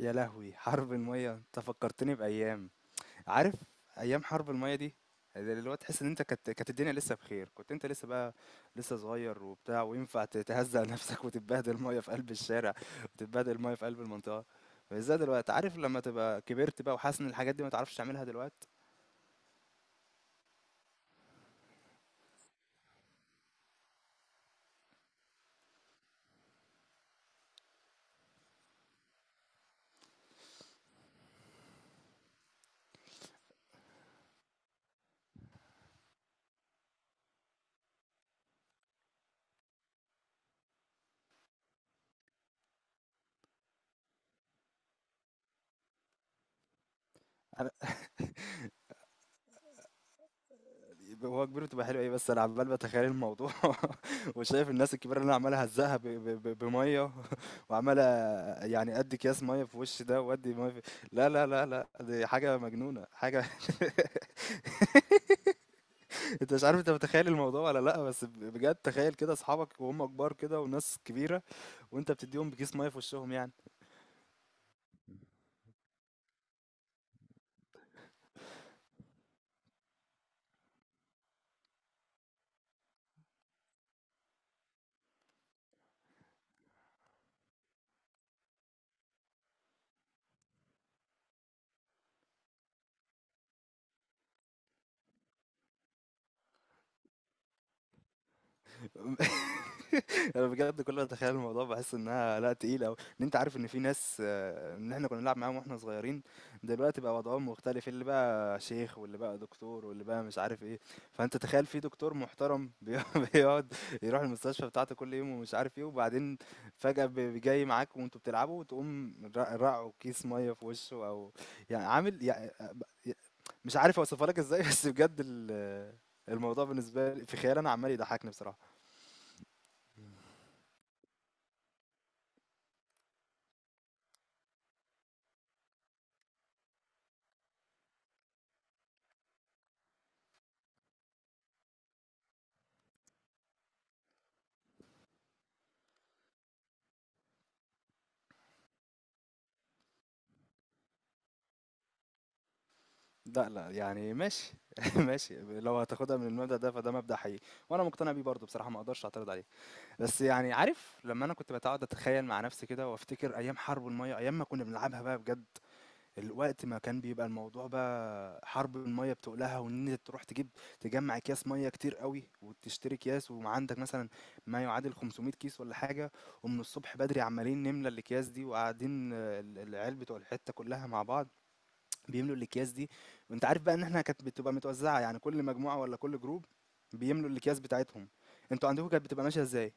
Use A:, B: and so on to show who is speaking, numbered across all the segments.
A: يا لهوي حرب المية انت فكرتني بأيام. عارف، أيام حرب المية دي، اللي هو تحس ان انت كانت الدنيا لسه بخير. كنت انت لسه بقى لسه صغير وبتاع، وينفع تهزق نفسك وتتبهدل ميه في قلب الشارع وتتبهدل ميه في قلب المنطقه. مش زي دلوقتي، عارف، لما تبقى كبرت بقى وحاسس ان الحاجات دي ما تعرفش تعملها دلوقتي. يبقى هو كبير بتبقى حلوة إيه، بس أنا عمّال باتخيّل الموضوع وشايف الناس الكبيرة اللي أنا عمّال أهزّقها ب ب ب بمَيّة. وعمّال يعني أدّي أكياس مَيّة في وِش ده وأدّي مَيّة في، لا، لا، لا، لأ، دي حاجة مجنونة، حاجة. أنت مش عارف، أنت متخيّل الموضوع والّا لأ؟ بس بجد تخيّل كده أصحابك وهُم كبار كده وناس كبيرة، وأنت بتدّيهم بكيس مَيّة في وشّهم يعني. انا بجد كل ما اتخيل الموضوع بحس انها لا تقيله أوي. ان انت عارف ان في ناس، ان احنا كنا بنلعب معاهم واحنا صغيرين، دلوقتي بقى وضعهم مختلف. اللي بقى شيخ، واللي بقى دكتور، واللي بقى مش عارف ايه. فانت تخيل في دكتور محترم بيقعد يروح المستشفى بتاعته كل يوم ومش عارف ايه، وبعدين فجأة جاي معاك وانتوا بتلعبوا، وتقوم رقعه كيس ميه في وشه، او يعني عامل يعني مش عارف اوصفها لك ازاي. بس بجد الموضوع بالنسبه لي في خيالي انا عمال يضحكني بصراحه. لأ، لأ، يعني ماشي، ماشي، لو هتاخدها من المبدأ ده فده مبدأ حقيقي، وأنا مقتنع بيه برضه بصراحة، ما اقدرش اعترض عليه. بس يعني عارف، لمّا أنا كنت باقعد أتخيل مع نفسي كده وافتكر أيام حرب المَيّة، أيام ما كنا بنلعبها بقى بجد، ال وقت ما كان بيبقى الموضوع بقى حرب المَيّة بتُقلها، وإن أنت تروح تجيب، تجمّع أكياس مَيّة كتير أوي وتشتري أكياس، وعندك مثلًا ما يعادل 500 كيس والّا حاجة، ومن الصبح بدري عمّالين نملى الأكياس دي، وقاعدين ال العيال بتوع الحتة كلها مع بعض بيملوا الأكياس دي. وأنت عارف بقى إن إحنا كانت بتبقى متوزعة، يعني كل مجموعة ولا كل جروب بيملوا الأكياس بتاعتهم. أنتوا عندكم كانت بتبقى ماشية إزاي؟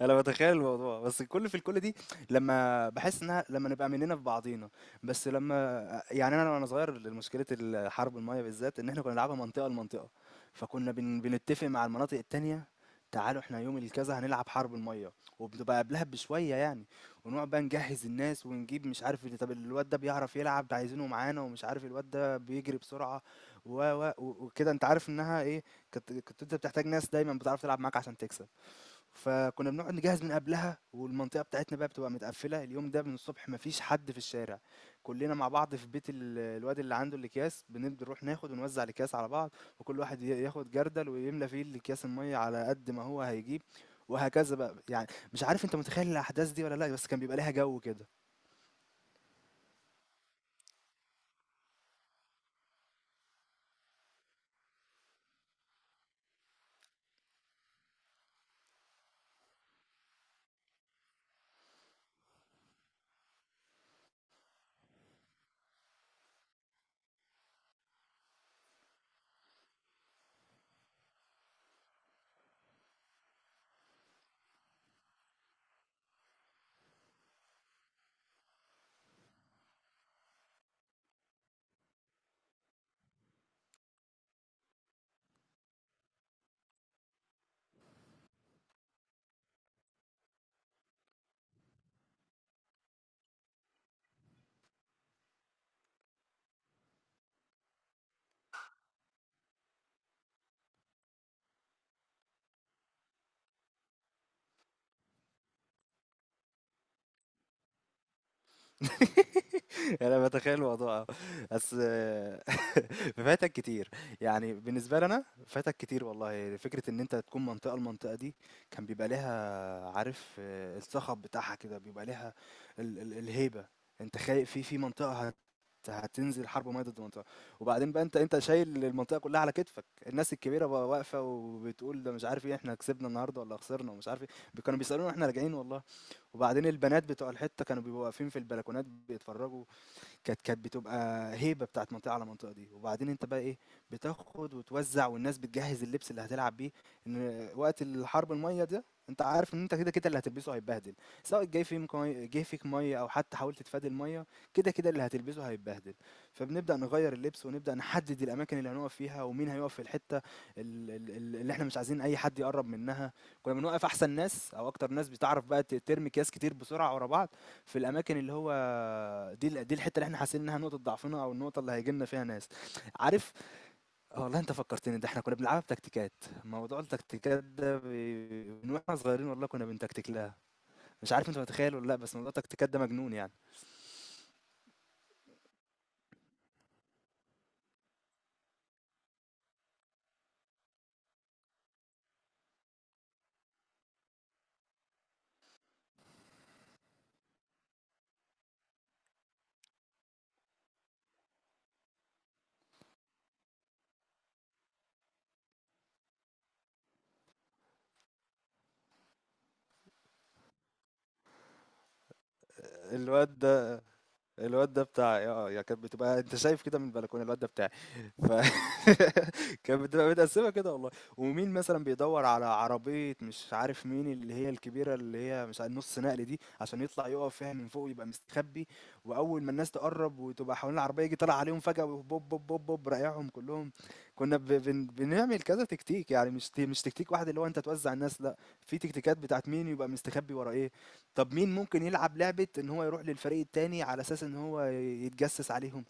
A: انا بتخيل الموضوع، بس الكل في الكل دي لما بحس انها لما نبقى مننا في بعضينا، بس لما، يعني انا وانا صغير مشكله الحرب الميه بالذات ان احنا كنا بنلعبها منطقه لمنطقه. فكنا بنتفق مع المناطق التانية، تعالوا احنا يوم الكذا هنلعب حرب الميه. وبتبقى قبلها بشويه يعني، ونقعد بقى نجهز الناس ونجيب مش عارف طب الواد ده بيعرف يلعب، ده عايزينه معانا، ومش عارف الواد ده بيجري بسرعه، و و و- وكده انت عارف انها ايه. كنت انت بتحتاج ناس دايما بتعرف تلعب معاك عشان تكسب. فكنا بنقعد نجهز من قبلها، والمنطقة بتاعتنا بقى بتبقى متقفلة اليوم ده من الصبح، مفيش حد في الشارع، كلنا مع بعض في بيت الواد اللي عنده الأكياس. بنبدأ نروح ناخد ونوزع الأكياس على بعض، وكل واحد ياخد جردل ويملى فيه الأكياس المية على قد ما هو هيجيب، وهكذا بقى يعني. مش عارف انت متخيل الأحداث دي ولا لا، بس كان بيبقى ليها جو كده. أنا باتخيل الموضوع آه. بس آه، فاتك كتير. يعني بالنسبة لي أنا، فاتك كتير والله. فكرة إن أنت تكون منطقة لمنطقة دي كان بيبقى ليها عارف آه، الصخب بتاعها كده، بيبقى ليها ال الهيبة. أنت خاي في في منطقة هتنزل حرب مَيّة ضد منطقة. وبعدين بقى أنت شايل المنطقة كلها على كتفك. الناس الكبيرة بقى واقفة وبتقول ده مش عارف إيه، إحنا كسبنا النهارده والّا خسرنا ومش عارف إيه. كانوا بيسألونا وإحنا راجعين والله. وبعدين البنات بتوع الحتة كانوا بيبقوا واقفين في البلكونات بيتفرجوا. كانت بتبقى هيبه بتاعت منطقه على منطقه دي. وبعدين انت بقى ايه، بتاخد وتوزع، والناس بتجهز اللبس اللي هتلعب بيه. ان وقت الحرب الميه ده انت عارف ان انت كده كده اللي هتلبسه هيتبهدل، سواء جه فيك ميه او حتى حاولت تتفادى الميه، كده كده اللي هتلبسه هيتبهدل. فبنبدا نغير اللبس ونبدا نحدد الاماكن اللي هنقف فيها، ومين هيقف في الحته اللي احنا مش عايزين اي حد يقرب منها. كنا بنوقف احسن ناس او اكتر ناس بتعرف بقى ترمي اكياس كتير بسرعه ورا بعض في الاماكن اللي هو دي، دي الحته اللي احنا حاسين انها نقطه ضعفنا او النقطه اللي هيجي لنا فيها ناس، عارف. آه والله انت فكرتني، ده احنا كنا بنلعبها بتكتيكات. موضوع التكتيكات ده من واحنا صغيرين والله كنا بنتكتك لها. مش عارف انت متخيل ولا لا، بس موضوع التكتيكات ده مجنون يعني. الواد الواد ده بتاع آه، آه، يعني كانت بتبقى انت شايف كده من البلكونه، الواد ده بتاعي. ف كانت بتبقى متقسمه كده والله. ومين مثلا بيدور على عربيه، مش عارف مين، اللي هي الكبيره اللي هي مش عارف، نص نقل دي، عشان يطلع يقف فيها من فوق يبقى مستخبي، واول ما الناس تقرب وتبقى حوالين العربيه يجي طالع عليهم فجاه، بوب بوب بوب بوب، رايعهم كلهم. كنا بنعمل كذا تكتيك، يعني مش تكتيك واحد اللي هو انت توزع الناس، لا، في تكتيكات بتاعت مين يبقى مستخبي ورا ايه. طب مين ممكن يلعب لعبة إن هو يروح للفريق التاني على أساس إن هو يتجسس عليهم؟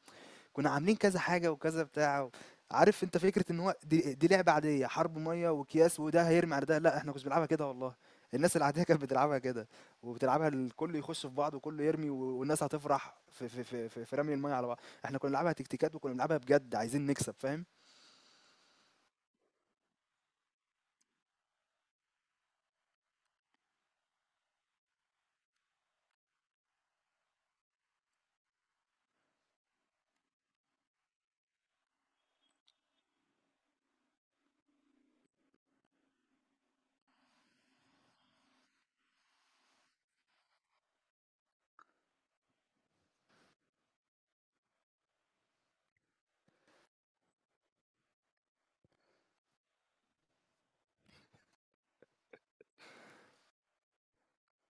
A: كنا عاملين كذا حاجة وكذا بتاع. و... عارف أنت فكرة إن هو دي لعبة عادية، حرب مية وأكياس وده هيرمي على ده، لا، إحنا كنا بنلعبها كده والله. الناس العادية كانت بتلعبها كده، وبتلعبها الكل يخش في بعض وكله يرمي، والناس هتفرح في رمي المية على بعض. احنا كنا بنلعبها تكتيكات، وكنا بنلعبها بجد عايزين نكسب، فاهم؟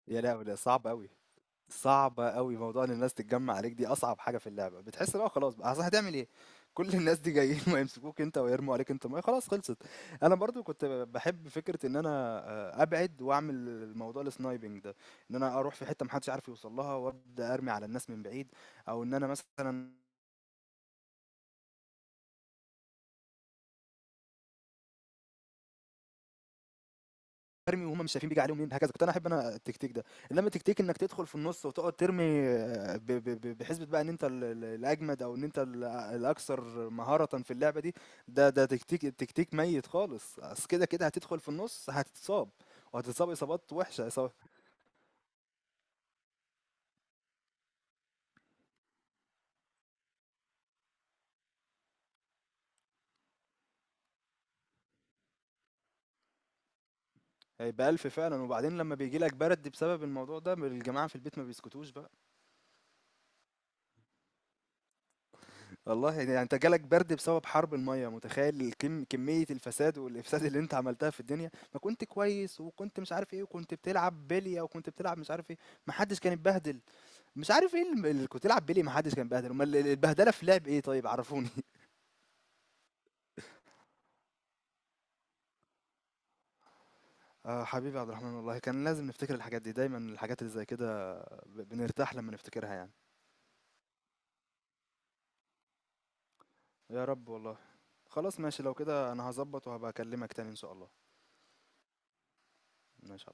A: يا لهوي ده صعب أوي. صعبة أوي موضوع إن الناس تتجمّع عليك دي، أصعب حاجة في اللعبة. بتحس إن هو خلاص بقى، أصل هتعمل إيه؟ كل الناس دي جايين وهيمسكوك أنت ويرموا عليك أنت مَيّة، خلاص خلصت. أنا برضه كنت باحب فكرة إن أنا أبعد وأعمل الموضوع الsniping ده، إن أنا أروح في حتة ما حدش عارف يوصل لها وأبدأ أرمي على الناس من بعيد، أو إن أنا مثلًا أرمي وهُم مش شايفين بييجي عليهم مين، هكذا. كنت أنا أحب أنا التكتيك ده. إنما تكتيك إنك تدخل في النُص وتقعد ترمي، ب ب ب بحسبة بقى إن أنت ال الأجمد أو إن أنت ال الأكثر مهارةً في اللعبة دي، ده ده تكتيك ميت خالص. أصل كده، كده هتدخل في النُص هتتصاب، وهتتصاب إصابات وِحشة، إصابة. هيبقى ألْف فعلًا. وبعدين لمّا بييجي لك برد بسبب الموضوع ده، الجماعة في البيت ما بيسكتوش بقى. والله يعني انت جالك برد بسبب حرب المية، متخيل الكم كمية الفساد والإفساد اللي انت عملتها في الدنيا؟ ما كنت كويس وكنت مش عارف ايه، وكنت بتلعب بلية وكنت بتلعب مش عارف ايه، ما حدش كان اتبهدل. مش عارف ايه اللي كنت تلعب بلية ما حدش كان اتبهدل، امال البهدلة في لعب ايه طيب؟ عرفوني. اه حبيبي عبد الرحمن، والله كان لازم نفتكر الحاجات دي دايما، الحاجات اللي زي كده بنرتاح لما نفتكرها يعني. يا رب والله. خلاص ماشي، لو كده انا هظبط وهبقى اكلمك تاني ان شاء الله. ماشي.